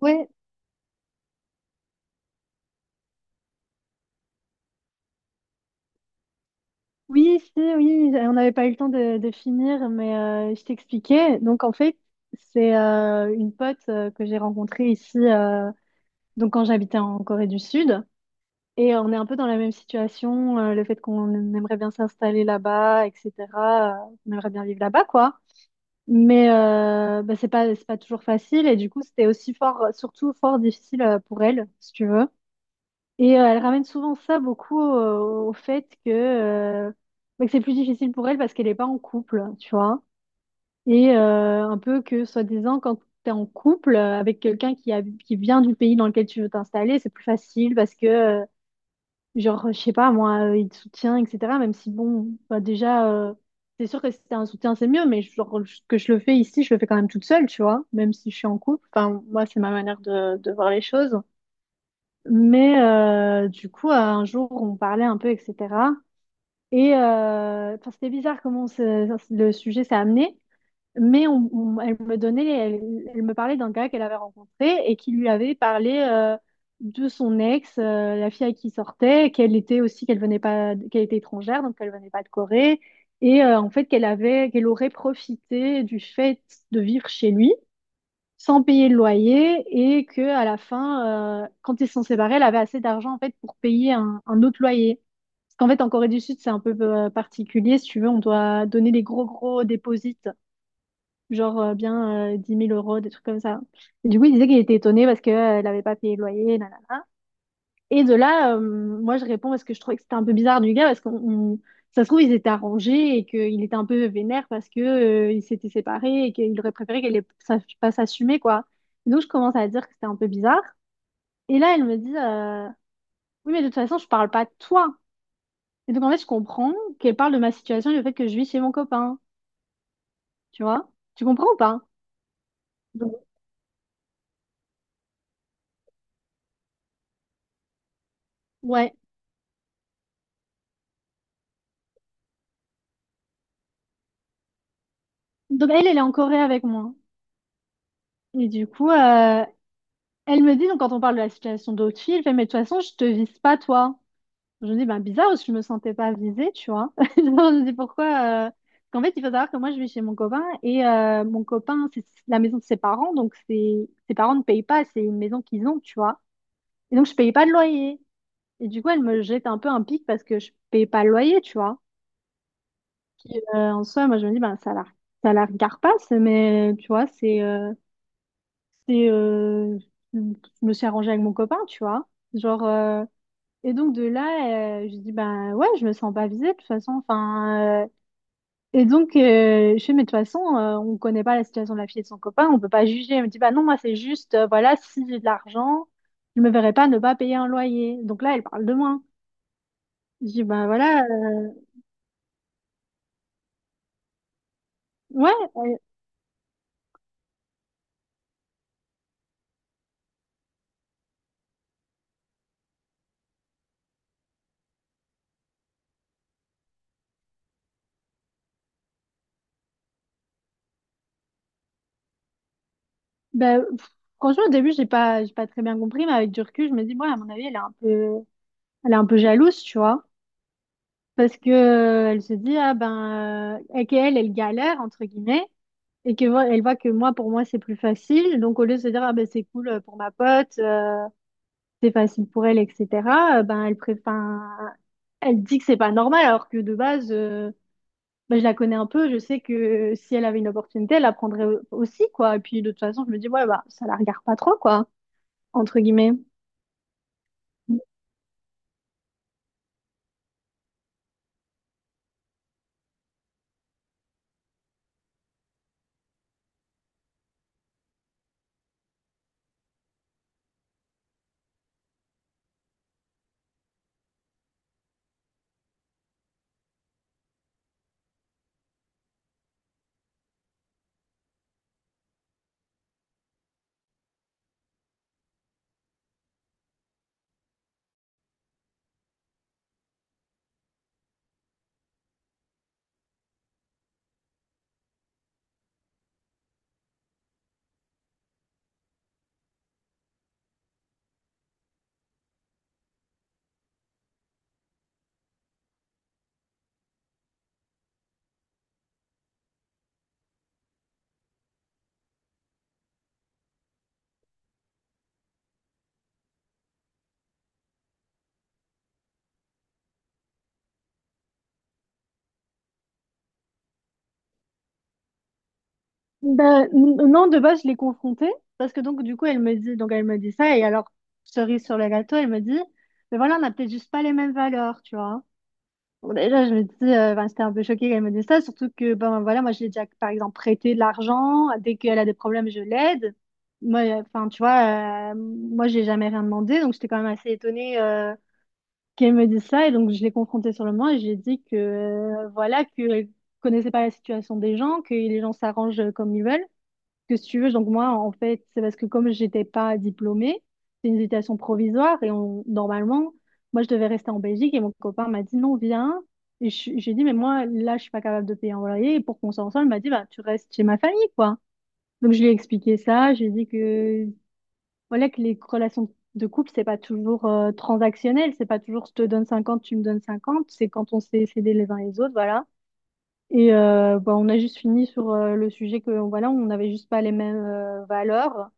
Ouais, oui. On n'avait pas eu le temps de finir, mais je t'expliquais. Donc, en fait, c'est une pote que j'ai rencontrée ici, donc quand j'habitais en Corée du Sud. Et on est un peu dans la même situation, le fait qu'on aimerait bien s'installer là-bas, etc. On aimerait bien vivre là-bas, quoi. Mais bah, c'est pas toujours facile. Et du coup, c'était surtout fort difficile pour elle, si tu veux. Et elle ramène souvent ça beaucoup au, au fait que, bah, que c'est plus difficile pour elle parce qu'elle n'est pas en couple, tu vois. Et un peu que, soi-disant, quand tu es en couple avec quelqu'un qui vient du pays dans lequel tu veux t'installer, c'est plus facile parce que, genre, je sais pas, moi, il te soutient, etc. Même si, bon, bah, déjà, c'est sûr que si t'as un soutien, c'est mieux, mais genre, que je le fais ici, je le fais quand même toute seule, tu vois, même si je suis en couple. Enfin, moi, c'est ma manière de voir les choses. Mais du coup, un jour, on parlait un peu, etc. Et enfin, c'était bizarre comment le sujet s'est amené, mais elle me donnait, elle, elle me parlait d'un gars qu'elle avait rencontré et qui lui avait parlé de son ex, la fille avec qui il sortait, qu'elle était aussi, qu'elle venait pas, qu'elle était étrangère, donc qu'elle venait pas de Corée, et en fait qu'elle avait, qu'elle aurait profité du fait de vivre chez lui sans payer le loyer et que à la fin, quand ils se sont séparés, elle avait assez d'argent en fait pour payer un autre loyer. Parce qu'en fait, en Corée du Sud, c'est un peu particulier. Si tu veux, on doit donner des gros gros déposits, genre bien 10 000 euros, des trucs comme ça. Et du coup, il disait qu'il était étonné parce qu'elle n'avait pas payé le loyer, nanana. Et de là, moi, je réponds parce que je trouvais que c'était un peu bizarre du gars, parce ça se trouve, ils étaient arrangés et qu'il était un peu vénère parce que, ils s'étaient séparés et qu'il aurait préféré sache pas s'assumer, quoi. Donc, je commence à dire que c'était un peu bizarre. Et là, elle me dit, oui, mais de toute façon, je parle pas de toi. Et donc, en fait, je comprends qu'elle parle de ma situation, du fait que je vis chez mon copain. Tu vois? Tu comprends ou pas? Donc, ouais. Donc, elle, elle est en Corée avec moi. Et du coup, elle me dit, donc, quand on parle de la situation d'autres filles, elle fait, mais de toute façon, je te vise pas, toi. Je me dis, ben bizarre, parce que je me sentais pas visée, tu vois. Je me dis pourquoi. euh, Parce qu'en fait, il faut savoir que moi, je vis chez mon copain et mon copain, c'est la maison de ses parents, donc c'est ses parents ne payent pas, c'est une maison qu'ils ont, tu vois. Et donc, je payais pas de loyer. Et du coup, elle me jette un peu un pic parce que je payais pas le loyer, tu vois. En soi, moi, je me dis, ça la regarde pas, mais tu vois, c'est, euh, je me suis arrangée avec mon copain, tu vois. Genre. Et donc de là, je dis ben ouais, je me sens pas visée de toute façon. Enfin, et donc je fais mais de toute façon, on connaît pas la situation de la fille et de son copain, on peut pas juger. Elle me dit bah non, moi c'est juste voilà, si j'ai de l'argent, je me verrais pas ne pas payer un loyer. Donc là, elle parle de moi. Je dis ben voilà, ouais, euh, bah, pff, franchement au début j'ai pas très bien compris, mais avec du recul, je me dis ouais, à mon avis elle est un peu jalouse, tu vois. Parce que, elle se dit, ah ben, et qu'elle, elle galère, entre guillemets, elle voit que moi, pour moi, c'est plus facile. Donc, au lieu de se dire, ah ben, c'est cool pour ma pote, c'est facile pour elle, etc., ben, elle préfère, elle dit que c'est pas normal, alors que de base, ben, je la connais un peu, je sais que si elle avait une opportunité, elle la prendrait aussi, quoi. Et puis, de toute façon, je me dis, ouais, bah, ça la regarde pas trop, quoi, entre guillemets. Ben, non, de base, je l'ai confrontée parce que donc, du coup, elle me dit, donc elle me dit ça et alors, cerise sur le gâteau, elle me dit, mais voilà, on n'a peut-être juste pas les mêmes valeurs, tu vois. Bon, déjà, je me dis, ben, j'étais un peu choquée qu'elle me dise ça, surtout que, ben voilà, moi, je l'ai déjà, par exemple, prêté de l'argent, dès qu'elle a des problèmes, je l'aide. Moi, enfin, tu vois, moi, j'ai jamais rien demandé, donc j'étais quand même assez étonnée, qu'elle me dise ça et donc, je l'ai confrontée sur le moment et je lui ai dit que, voilà, que connaissait pas la situation des gens, que les gens s'arrangent comme ils veulent, que si tu veux, donc moi, en fait, c'est parce que comme j'étais pas diplômée, c'est une hésitation provisoire et on, normalement, moi, je devais rester en Belgique et mon copain m'a dit non, viens. Et j'ai dit, mais moi, là, je suis pas capable de payer un loyer. Et pour qu'on soit ensemble, il m'a dit, bah, tu restes chez ma famille, quoi. Donc, je lui ai expliqué ça. J'ai dit que, voilà, que les relations de couple, c'est pas toujours transactionnel. C'est pas toujours je te donne 50 tu me donnes 50. C'est quand on sait s'aider les uns les autres, voilà. Et bah, on a juste fini sur le sujet que voilà, on n'avait juste pas les mêmes valeurs.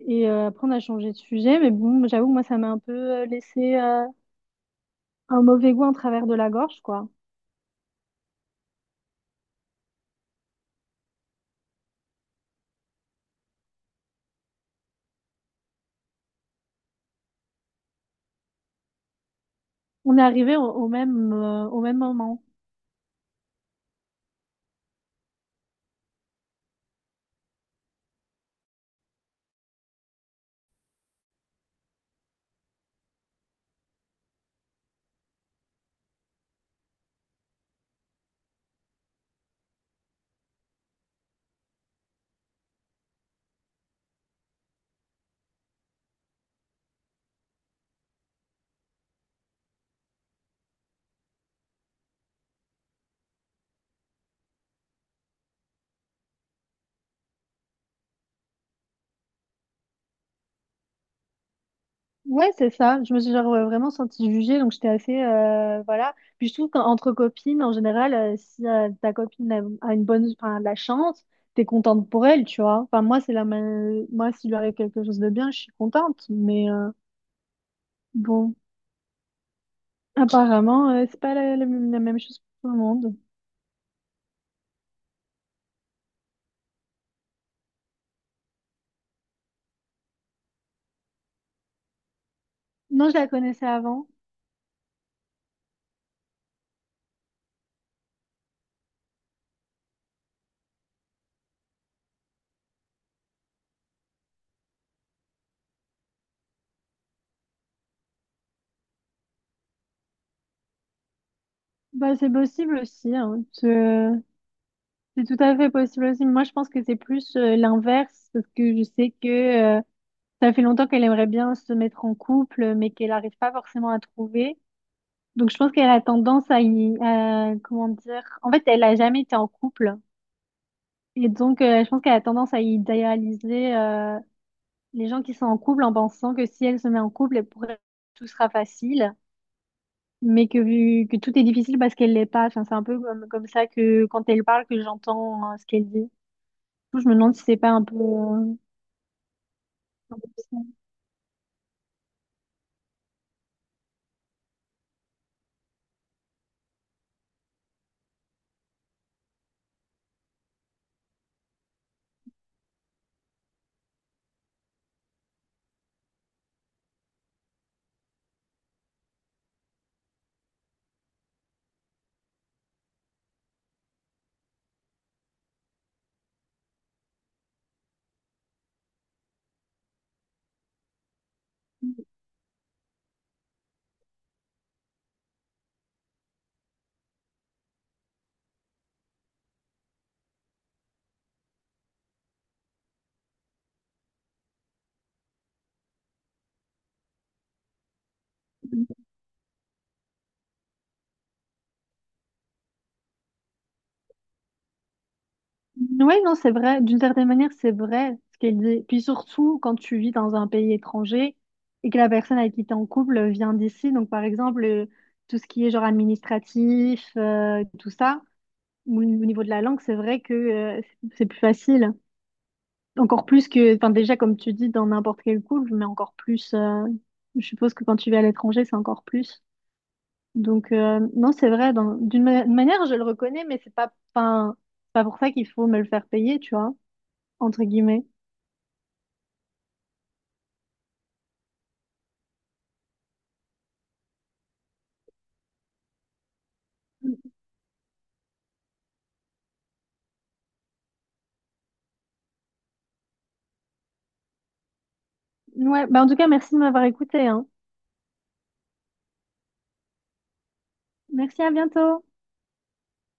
Et après, on a changé de sujet, mais bon, j'avoue, que moi, ça m'a un peu laissé un mauvais goût en travers de la gorge, quoi. On est arrivé au, au même moment. Ouais, c'est ça. Je me suis genre vraiment sentie jugée, donc j'étais assez voilà. Puis je trouve qu'entre copines, en général, si ta copine a, a une bonne, enfin, de la chance, t'es contente pour elle, tu vois. Enfin, moi, c'est moi, s'il lui arrive quelque chose de bien, je suis contente, mais bon. Apparemment, c'est pas la, la même chose pour tout le monde. Non, je la connaissais avant. Bah, c'est possible aussi, hein. C'est tout à fait possible aussi. Moi, je pense que c'est plus l'inverse parce que je sais que euh, ça fait longtemps qu'elle aimerait bien se mettre en couple, mais qu'elle n'arrive pas forcément à trouver. Donc, je pense qu'elle a tendance à y, comment dire. En fait, elle a jamais été en couple et donc je pense qu'elle a tendance à idéaliser les gens qui sont en couple en pensant que si elle se met en couple, elle pourrait tout sera facile. Mais que, que tout est difficile parce qu'elle l'est pas. Enfin, c'est un peu comme, comme ça que quand elle parle, que j'entends ce qu'elle dit. Du coup, je me demande si c'est pas un peu. Un peu ça. Ouais, non, c'est vrai. D'une certaine manière, c'est vrai ce qu'elle dit. Puis surtout, quand tu vis dans un pays étranger et que la personne avec qui t'es en couple vient d'ici, donc par exemple, tout ce qui est genre administratif, tout ça, ou au niveau de la langue, c'est vrai que c'est plus facile. Encore plus que, enfin déjà comme tu dis, dans n'importe quel couple, mais encore plus, je suppose que quand tu vas à l'étranger, c'est encore plus. Donc non, c'est vrai, d'une manière, je le reconnais, mais c'est pas, enfin, c'est pas pour ça qu'il faut me le faire payer, tu vois, entre guillemets. Ouais, bah en tout cas, merci de m'avoir écouté, hein. Merci, à bientôt.